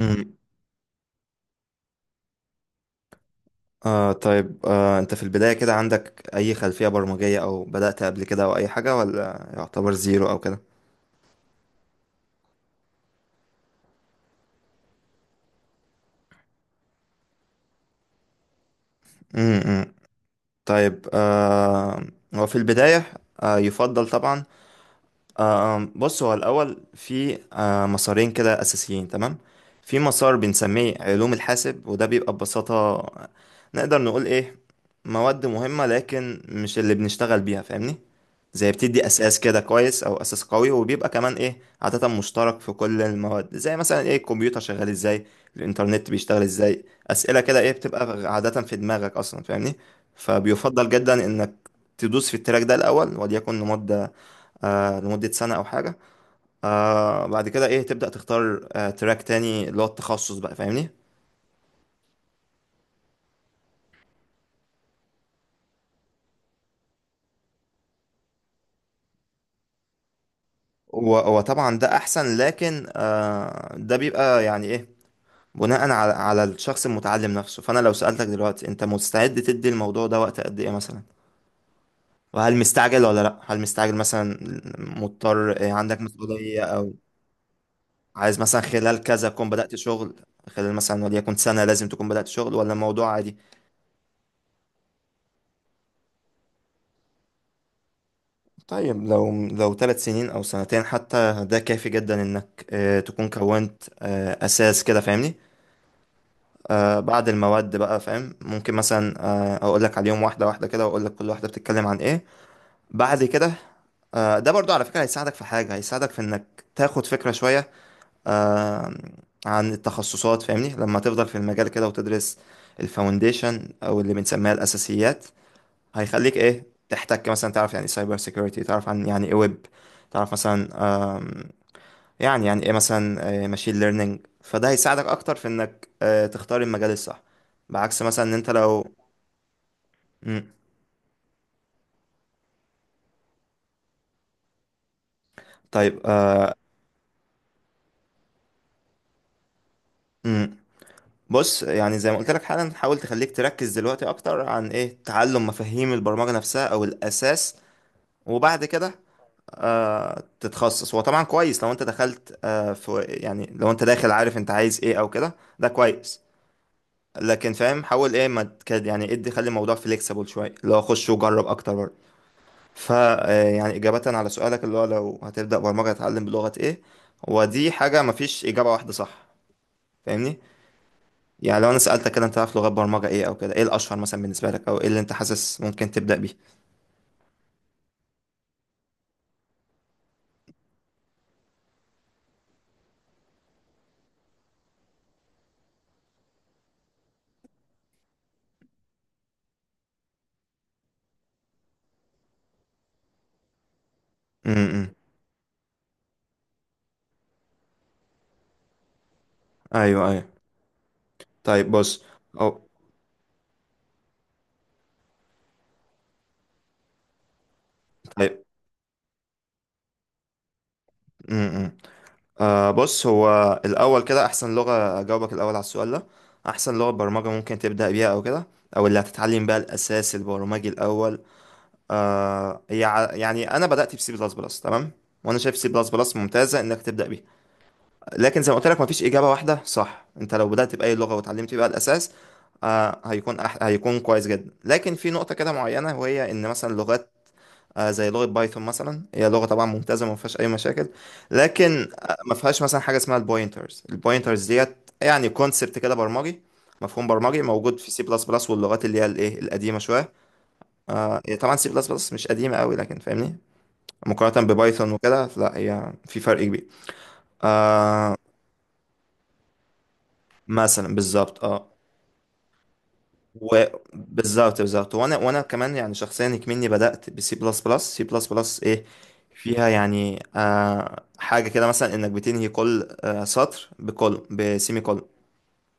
مم. طيب انت في البداية كده عندك اي خلفية برمجية او بدأت قبل كده او اي حاجة، ولا يعتبر زيرو او كده؟ مم، مم. طيب هو في البداية يفضل طبعا. بص، هو الأول في مسارين كده أساسيين تمام. في مسار بنسميه علوم الحاسب، وده بيبقى ببساطة نقدر نقول إيه، مواد مهمة لكن مش اللي بنشتغل بيها فاهمني. زي بتدي أساس كده كويس أو أساس قوي، وبيبقى كمان إيه عادة مشترك في كل المواد، زي مثلا إيه الكمبيوتر شغال إزاي، الإنترنت بيشتغل إزاي، أسئلة كده إيه بتبقى عادة في دماغك أصلا فاهمني. فبيفضل جدا إنك تدوس في التراك ده الأول وليكن مدة، لمدة سنة أو حاجة. بعد كده إيه تبدأ تختار تراك تاني اللي هو التخصص بقى فاهمني. وطبعا ده أحسن، لكن ده بيبقى يعني إيه، بناء على الشخص المتعلم نفسه. فأنا لو سألتك دلوقتي، أنت مستعد تدي الموضوع ده وقت قد إيه مثلا؟ وهل مستعجل ولا لأ؟ هل مستعجل مثلا؟ مضطر إيه، عندك مسؤولية؟ أو عايز مثلا خلال كذا تكون بدأت شغل، خلال مثلا وليكن سنة لازم تكون بدأت شغل، ولا الموضوع عادي؟ طيب لو 3 سنين او سنتين حتى، ده كافي جدا انك تكون كونت اساس كده فاهمني. بعد المواد بقى فاهم، ممكن مثلا اقول لك عليهم واحده واحده كده، واقول لك كل واحده بتتكلم عن ايه بعد كده. ده برضو على فكره هيساعدك في حاجه، هيساعدك في انك تاخد فكره شويه آه، عن التخصصات فاهمني، لما تفضل في المجال كده وتدرس الفاونديشن او اللي بنسميها الاساسيات. هيخليك ايه تحتك مثلا تعرف يعني سايبر سيكيورتي، تعرف عن يعني ايه ويب، تعرف مثلا آم، يعني ايه مثلا ماشين ليرنينج، فده هيساعدك اكتر في انك تختار المجال الصح، بعكس مثلا ان انت لو. مم. طيب مم. بص، يعني زي ما قلت لك حالا، حاول تخليك تركز دلوقتي اكتر عن ايه تعلم مفاهيم البرمجة نفسها او الاساس، وبعد كده تتخصص. هو طبعا كويس لو انت دخلت في، يعني لو انت داخل عارف انت عايز ايه او كده، ده كويس. لكن فاهم، حاول ايه ما تكاد، يعني ادي خلي الموضوع فليكسيبل شويه اللي هو خش وجرب اكتر برضه. ف يعني اجابه على سؤالك اللي هو لو هتبدا برمجه هتتعلم بلغه ايه، هو دي حاجه مفيش اجابه واحده صح فاهمني. يعني لو انا سالتك كده انت عارف لغات برمجه ايه او كده، ايه الاشهر مثلا بالنسبه لك او ايه اللي انت حاسس ممكن تبدا بيه؟ امم، ايوه، ايوه. طيب بص. او طيب. امم. بص، هو الأول كده أحسن لغة أجاوبك الأول على السؤال ده، أحسن لغة برمجة ممكن تبدأ بيها أو كده، أو اللي هتتعلم بقى الأساس البرمجي الأول. يعني أنا بدأت بسي بلس بلس تمام. وأنا شايف سي بلس بلس ممتازة إنك تبدأ بيها. لكن زي ما قلت لك مفيش إجابة واحدة صح، أنت لو بدأت بأي لغة وتعلمت بيها الأساس هيكون كويس جدا. لكن في نقطة كده معينة، وهي إن مثلا لغات زي لغة بايثون مثلا، هي لغة طبعا ممتازة ما فيهاش أي مشاكل. لكن ما فيهاش مثلا حاجة اسمها البوينترز، البوينترز ديت يعني كونسبت كده برمجي، مفهوم برمجي موجود في سي بلس بلس واللغات اللي هي الايه القديمة شوية. هي طبعا سي بلس بلس مش قديمة قوي لكن فاهمني، مقارنة ببايثون وكده لا، هي في فرق كبير. مثلا بالظبط اه. وبالظبط بالظبط، وانا كمان يعني شخصيا كمني بدات بسي بلس بلس. سي بلس بلس ايه فيها، يعني حاجه كده مثلا انك بتنهي كل سطر بكل بسيمي كول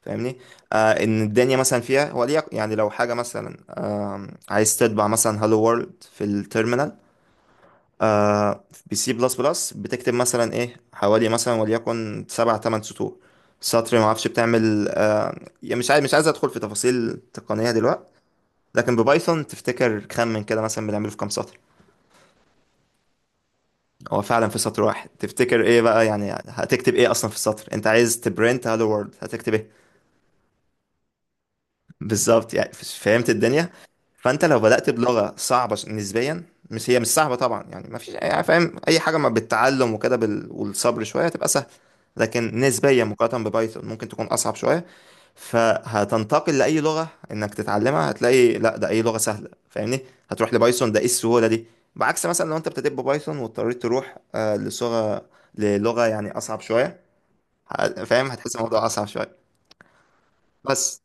فاهمني. ان الدنيا مثلا فيها وليك، يعني لو حاجه مثلا عايز تطبع مثلا هالو وورلد في التيرمينال آه بسي بلس بلس بتكتب مثلا ايه حوالي مثلا وليكن سبع تمن سطور، سطر ما اعرفش بتعمل يعني مش عايز ادخل في تفاصيل تقنيه دلوقتي. لكن ببايثون تفتكر خمن كده مثلا بنعمله في كام سطر؟ هو فعلا في سطر واحد. تفتكر ايه بقى، يعني هتكتب ايه اصلا في السطر، انت عايز تبرنت هالو وورلد هتكتب ايه؟ بالظبط يعني فهمت الدنيا. فانت لو بدأت بلغة صعبة نسبيا، مش صعبة طبعا، يعني ما فيش، يعني فاهم اي حاجة ما بالتعلم وكده والصبر شوية هتبقى سهل، لكن نسبيا مقارنة ببايثون ممكن تكون اصعب شوية. فهتنتقل لأي لغة إنك تتعلمها هتلاقي لأ ده أي لغة سهلة فاهمني، هتروح لبايثون ده إيه السهولة دي. بعكس مثلا لو أنت ابتديت ببايثون واضطريت تروح للغة يعني أصعب شوية، فاهم هتحس الموضوع أصعب شوية بس.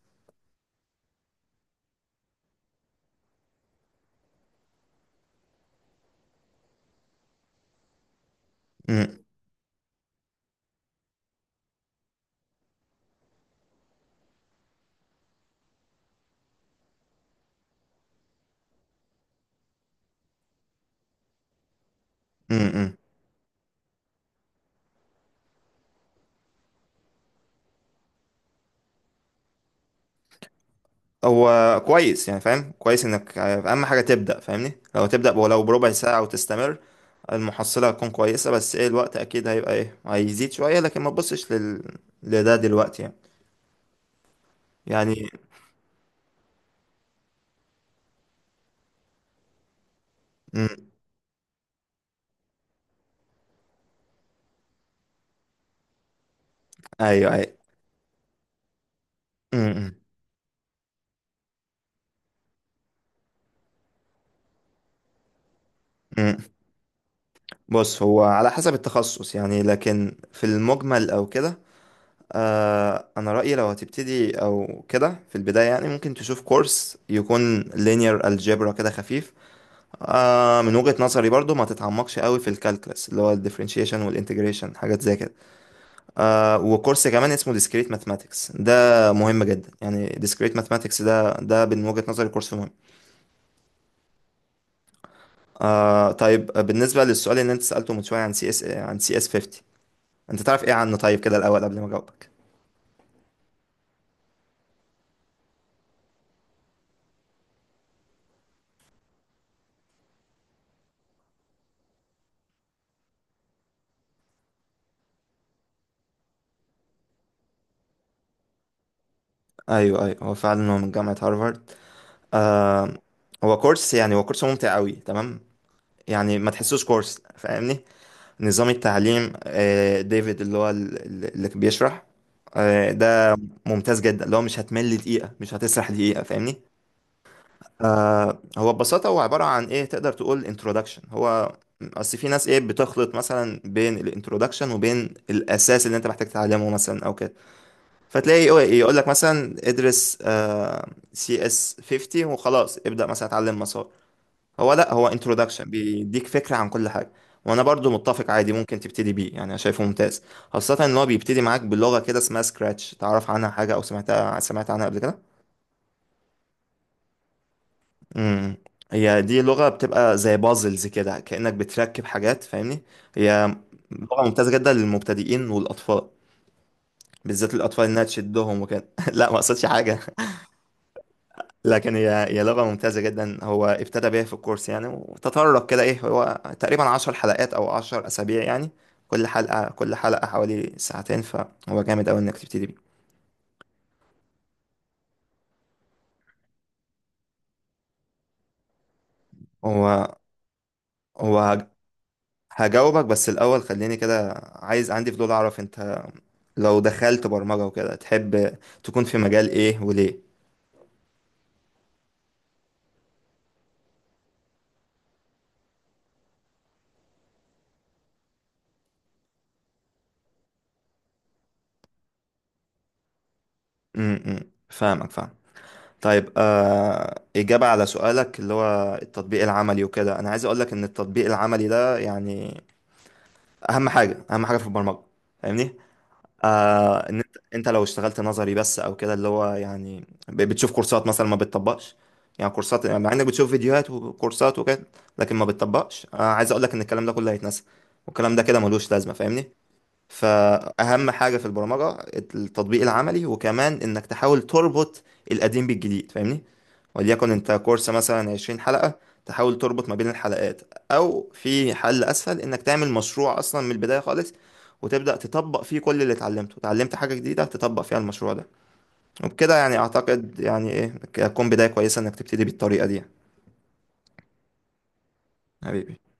م -م -م. هو كويس، يعني فاهم كويس إنك أهم حاجة تبدأ فاهمني، لو تبدأ ولو بربع ساعة وتستمر المحصلة هتكون كويسة. بس إيه، الوقت أكيد هيبقى إيه هيزيد شوية، لكن ما تبصش لده دلوقتي يعني. يعني م، أيوه، أيوه. امم، امم. امم. بص، هو على حسب التخصص يعني، لكن في المجمل او كده انا رأيي لو هتبتدي او كده في البداية، يعني ممكن تشوف كورس يكون linear algebra كده خفيف. من وجهة نظري برضو ما تتعمقش قوي في الكالكلس اللي هو الديفرنشيشن والانتجريشن، حاجات زي كده. وكورس كمان اسمه discrete mathematics ده مهم جدا، يعني discrete mathematics ده من وجهة نظري كورس مهم. طيب بالنسبة للسؤال اللي انت سألته من شوية عن سي اس عن سي اس 50، انت تعرف ايه عنه طيب كده الاول قبل ما اجاوبك؟ ايوه، ايوه. هو فعلا هو من جامعة هارفارد. آه هو كورس، يعني هو كورس ممتع قوي تمام. يعني ما تحسوش كورس فاهمني. نظام التعليم، ديفيد اللي هو اللي بيشرح ده، ممتاز جدا اللي هو مش هتمل دقيقة مش هتسرح دقيقة فاهمني. هو ببساطة هو عبارة عن ايه، تقدر تقول انترودكشن. هو اصل في ناس ايه بتخلط مثلا بين الانترودكشن وبين الاساس اللي انت محتاج تتعلمه مثلا او كده، فتلاقي يقول لك مثلا ادرس سي اس 50 وخلاص، ابدأ مثلا اتعلم مسار. هو لا، هو انترودكشن بيديك فكرة عن كل حاجة. وانا برضو متفق، عادي ممكن تبتدي بيه، يعني انا شايفه ممتاز. خاصة ان هو بيبتدي معاك بلغة كده اسمها سكراتش، تعرف عنها حاجة او سمعت عنها قبل كده؟ امم. هي دي لغة بتبقى زي بازلز كده، كأنك بتركب حاجات فاهمني. هي لغة ممتازة جدا للمبتدئين والاطفال، بالذات الاطفال انها تشدهم وكده لا ما قصدش حاجة. لكن هي لغة ممتازة جدا، هو ابتدى بيها في الكورس يعني. وتطرق كده ايه، هو تقريبا 10 حلقات او 10 اسابيع يعني، كل حلقة حوالي ساعتين، فهو جامد اوي انك تبتدي بيه. هو هو هج- هجاوبك، بس الاول خليني كده، عايز عندي فضول اعرف انت لو دخلت برمجة وكده تحب تكون في مجال ايه وليه؟ امم، فاهمك، فاهم. طيب إجابة على سؤالك اللي هو التطبيق العملي وكده، أنا عايز أقولك إن التطبيق العملي ده يعني اهم حاجه، اهم حاجه في البرمجه فاهمني. ان انت، لو اشتغلت نظري بس او كده اللي هو يعني بتشوف كورسات مثلا ما بتطبقش، يعني كورسات، يعني مع انك بتشوف فيديوهات وكورسات وكده لكن ما بتطبقش، عايز اقول لك ان الكلام ده كله هيتنسى، والكلام ده كده ملوش لازمه فاهمني. فأهم حاجة في البرمجة التطبيق العملي، وكمان إنك تحاول تربط القديم بالجديد فاهمني. وليكن أنت كورس مثلا 20 حلقة، تحاول تربط ما بين الحلقات، أو في حل أسهل إنك تعمل مشروع أصلا من البداية خالص وتبدأ تطبق فيه كل اللي اتعلمته، اتعلمت حاجة جديدة تطبق فيها المشروع ده. وبكده يعني أعتقد يعني إيه هتكون بداية كويسة إنك تبتدي بالطريقة دي يعني. حبيبي.